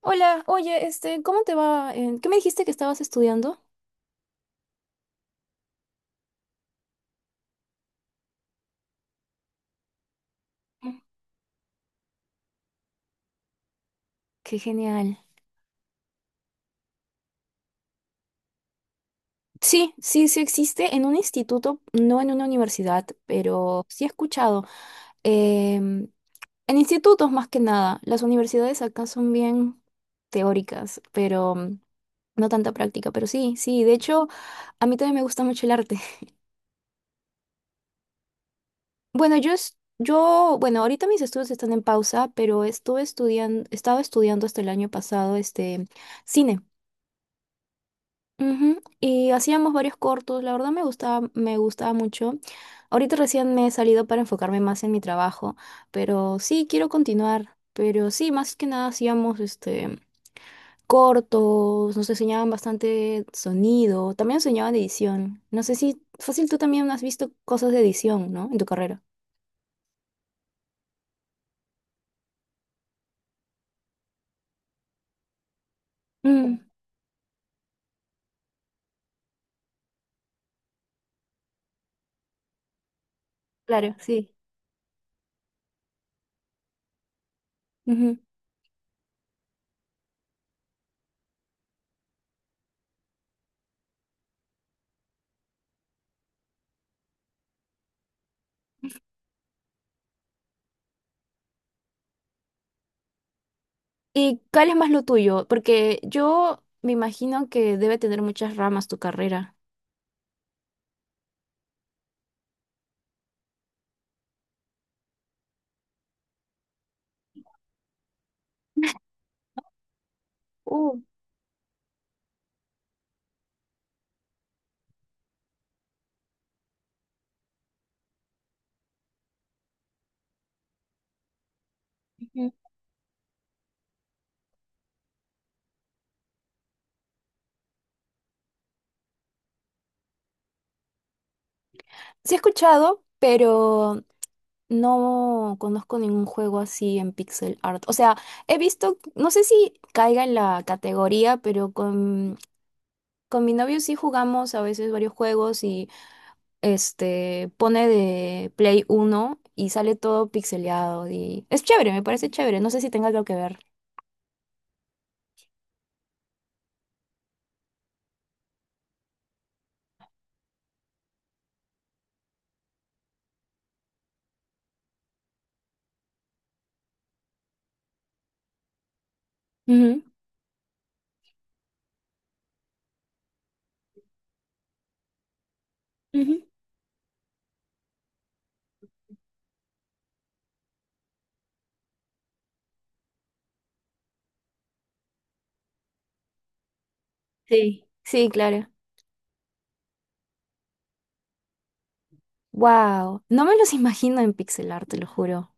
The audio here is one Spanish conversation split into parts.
Hola, oye, este, ¿cómo te va? ¿Qué me dijiste que estabas estudiando? Qué genial. Sí, sí, sí existe en un instituto, no en una universidad, pero sí he escuchado. em, en institutos más que nada, las universidades acá son bien teóricas, pero no tanta práctica, pero sí, sí, de hecho, a mí también me gusta mucho el arte. Bueno, yo, bueno, ahorita mis estudios están en pausa, pero estaba estudiando hasta el año pasado, este, cine. Ujú. Y hacíamos varios cortos, la verdad me gustaba mucho. Ahorita recién me he salido para enfocarme más en mi trabajo, pero sí, quiero continuar. Pero sí, más que nada hacíamos este cortos, nos enseñaban bastante sonido, también enseñaban edición. No sé si fácil tú también has visto cosas de edición, ¿no? En tu carrera. Mm, claro, sí. Ujú. ¿Y cuál es más lo tuyo? Porque yo me imagino que debe tener muchas ramas tu carrera. Uh. Sí he escuchado, pero no conozco ningún juego así en pixel art. O sea, he visto, no sé si caiga en la categoría, pero con mi novio sí jugamos a veces varios juegos y este pone de Play uno y sale todo pixeleado y es chévere, me parece chévere. No sé si tenga algo que ver. Ujú. Ujú. Sí. Sí, claro. Wow, no me los imagino en pixel art, te lo juro.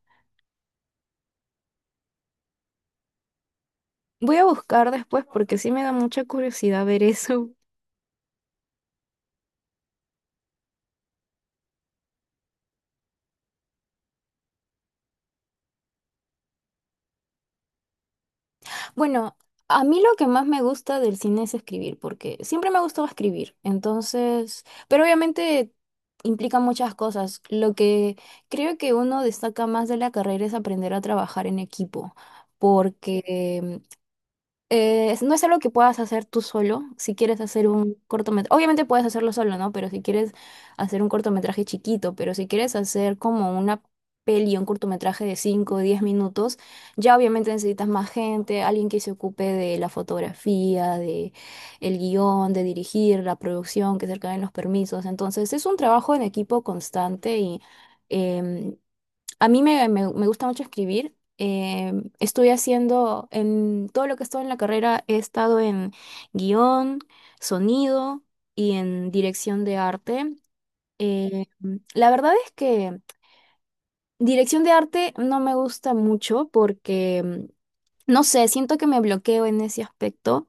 Voy a buscar después porque sí me da mucha curiosidad ver eso. Bueno, a mí lo que más me gusta del cine es escribir, porque siempre me ha gustado escribir, entonces, pero obviamente implica muchas cosas. Lo que creo que uno destaca más de la carrera es aprender a trabajar en equipo, porque no es algo que puedas hacer tú solo. Si quieres hacer un cortometraje, obviamente puedes hacerlo solo, ¿no? Pero si quieres hacer un cortometraje chiquito, pero si quieres hacer como una peli, un cortometraje de 5 o 10 minutos, ya obviamente necesitas más gente, alguien que se ocupe de la fotografía, de el guión, de dirigir la producción, que se acaben los permisos. Entonces es un trabajo en equipo constante y… em, a mí me gusta mucho escribir. Estoy haciendo, en todo lo que he estado en la carrera, he estado en guión, sonido y en dirección de arte. Eh, la verdad es que dirección de arte no me gusta mucho porque, no sé, siento que me bloqueo en ese aspecto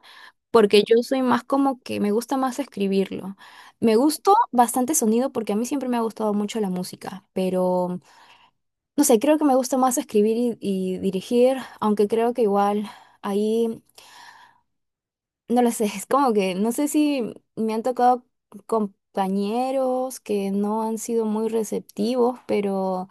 porque yo soy más como que me gusta más escribirlo. Me gustó bastante sonido porque a mí siempre me ha gustado mucho la música, pero… No sé, creo que me gusta más escribir y dirigir, aunque creo que igual ahí no lo sé, es como que no sé si me han tocado compañeros que no han sido muy receptivos, pero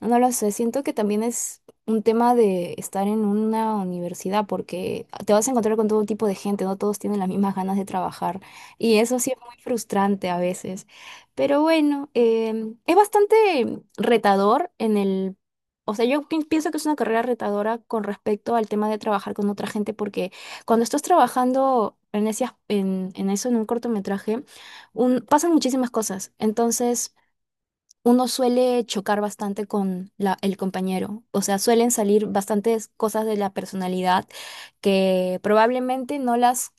no lo sé, siento que también es un tema de estar en una universidad porque te vas a encontrar con todo tipo de gente, no todos tienen las mismas ganas de trabajar y eso sí es muy frustrante a veces. Pero bueno, es bastante retador en el… O sea, pienso que es una carrera retadora con respecto al tema de trabajar con otra gente porque cuando estás trabajando en en eso, en un cortometraje, pasan muchísimas cosas. Entonces, uno suele chocar bastante con el compañero. O sea, suelen salir bastantes cosas de la personalidad que probablemente no las,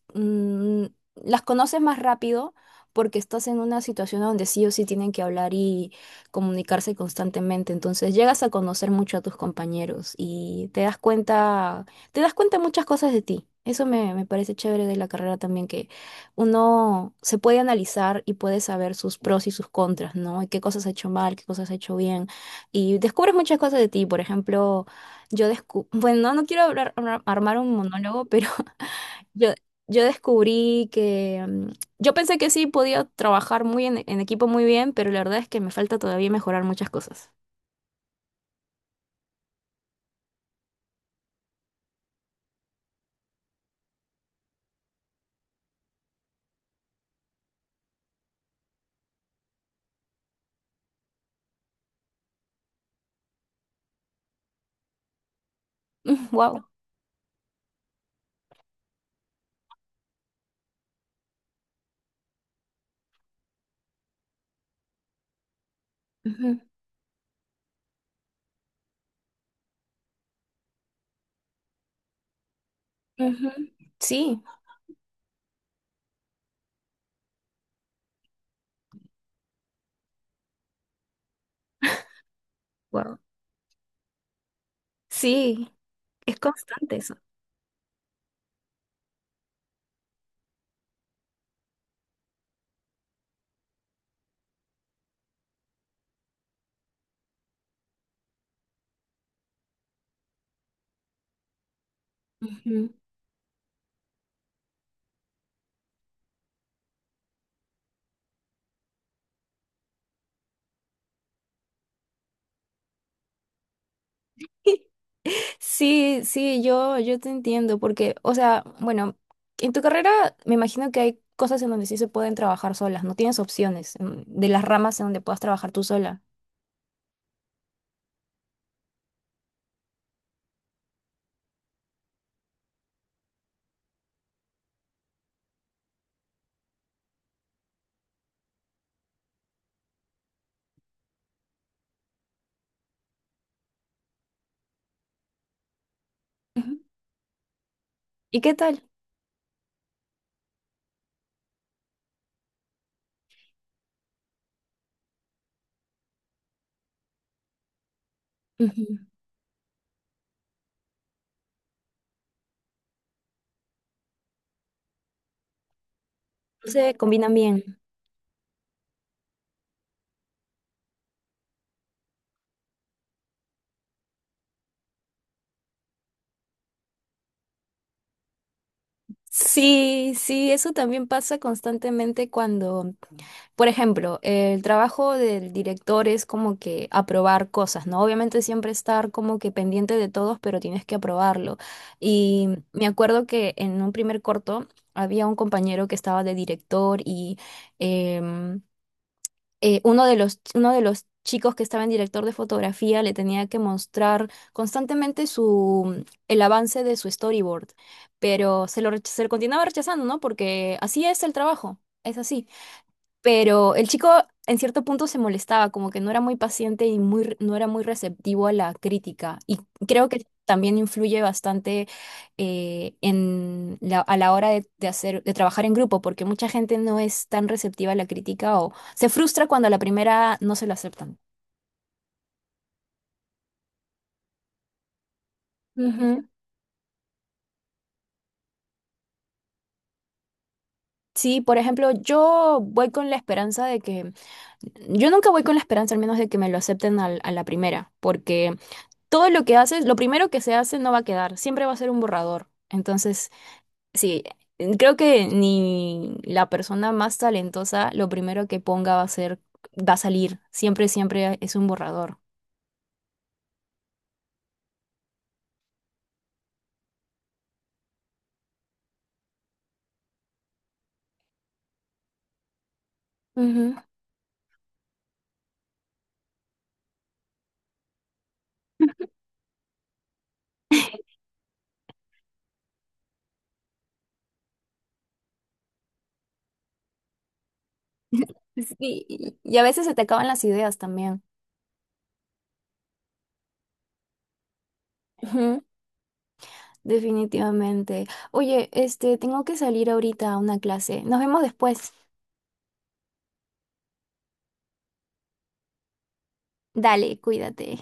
las conoces más rápido porque estás en una situación donde sí o sí tienen que hablar y comunicarse constantemente. Entonces llegas a conocer mucho a tus compañeros y te das cuenta muchas cosas de ti. Eso me parece chévere de la carrera también. Uno se puede analizar y puede saber sus pros y sus contras, ¿no? Y qué cosas ha hecho mal, qué cosas ha hecho bien. Y descubres muchas cosas de ti. Por ejemplo, yo descubrí, bueno, no no quiero armar un monólogo, pero yo, yo descubrí que yo pensé que sí podía trabajar en equipo muy bien, pero la verdad es que me falta todavía mejorar muchas cosas. Wow. Sí, wow. Sí, es constante eso. Ujú. Sí, sí, yo te entiendo, porque, o sea, bueno, en tu carrera me imagino que hay cosas en donde sí se pueden trabajar solas, no tienes opciones de las ramas en donde puedas trabajar tú sola. Ujú. ¿Y qué tal? Ujú. Se combinan bien. Sí, sí, eso también pasa constantemente cuando… Por ejemplo, el trabajo del director es como que aprobar cosas, ¿no? Obviamente siempre estar como que pendiente de todos, pero tienes que aprobarlo. Y me acuerdo que en un primer corto había un compañero que estaba de director y em, uno de uno de los chicos que estaba en director de fotografía le tenía que mostrar constantemente su, el avance de su storyboard, pero se lo continuaba rechazando, ¿no? Porque así es el trabajo, es así. Pero el chico en cierto punto se molestaba, como que no era muy paciente y no era muy receptivo a la crítica. Y creo que también influye bastante a la hora de hacer, de trabajar en grupo, porque mucha gente no es tan receptiva a la crítica o se frustra cuando a la primera no se lo aceptan. Ujú. Sí, por ejemplo, yo voy con la esperanza de que, yo nunca voy con la esperanza al menos de que me lo acepten a la primera, porque todo lo que haces, lo primero que se hace no va a quedar, siempre va a ser un borrador. Entonces, sí, creo que ni la persona más talentosa, lo primero que ponga va a ser, va a salir, siempre, siempre es un borrador. Ujú. Sí, y a veces se te acaban las ideas también. Ujú. Definitivamente. Oye, este, tengo que salir ahorita a una clase. Nos vemos después. Dale, cuídate.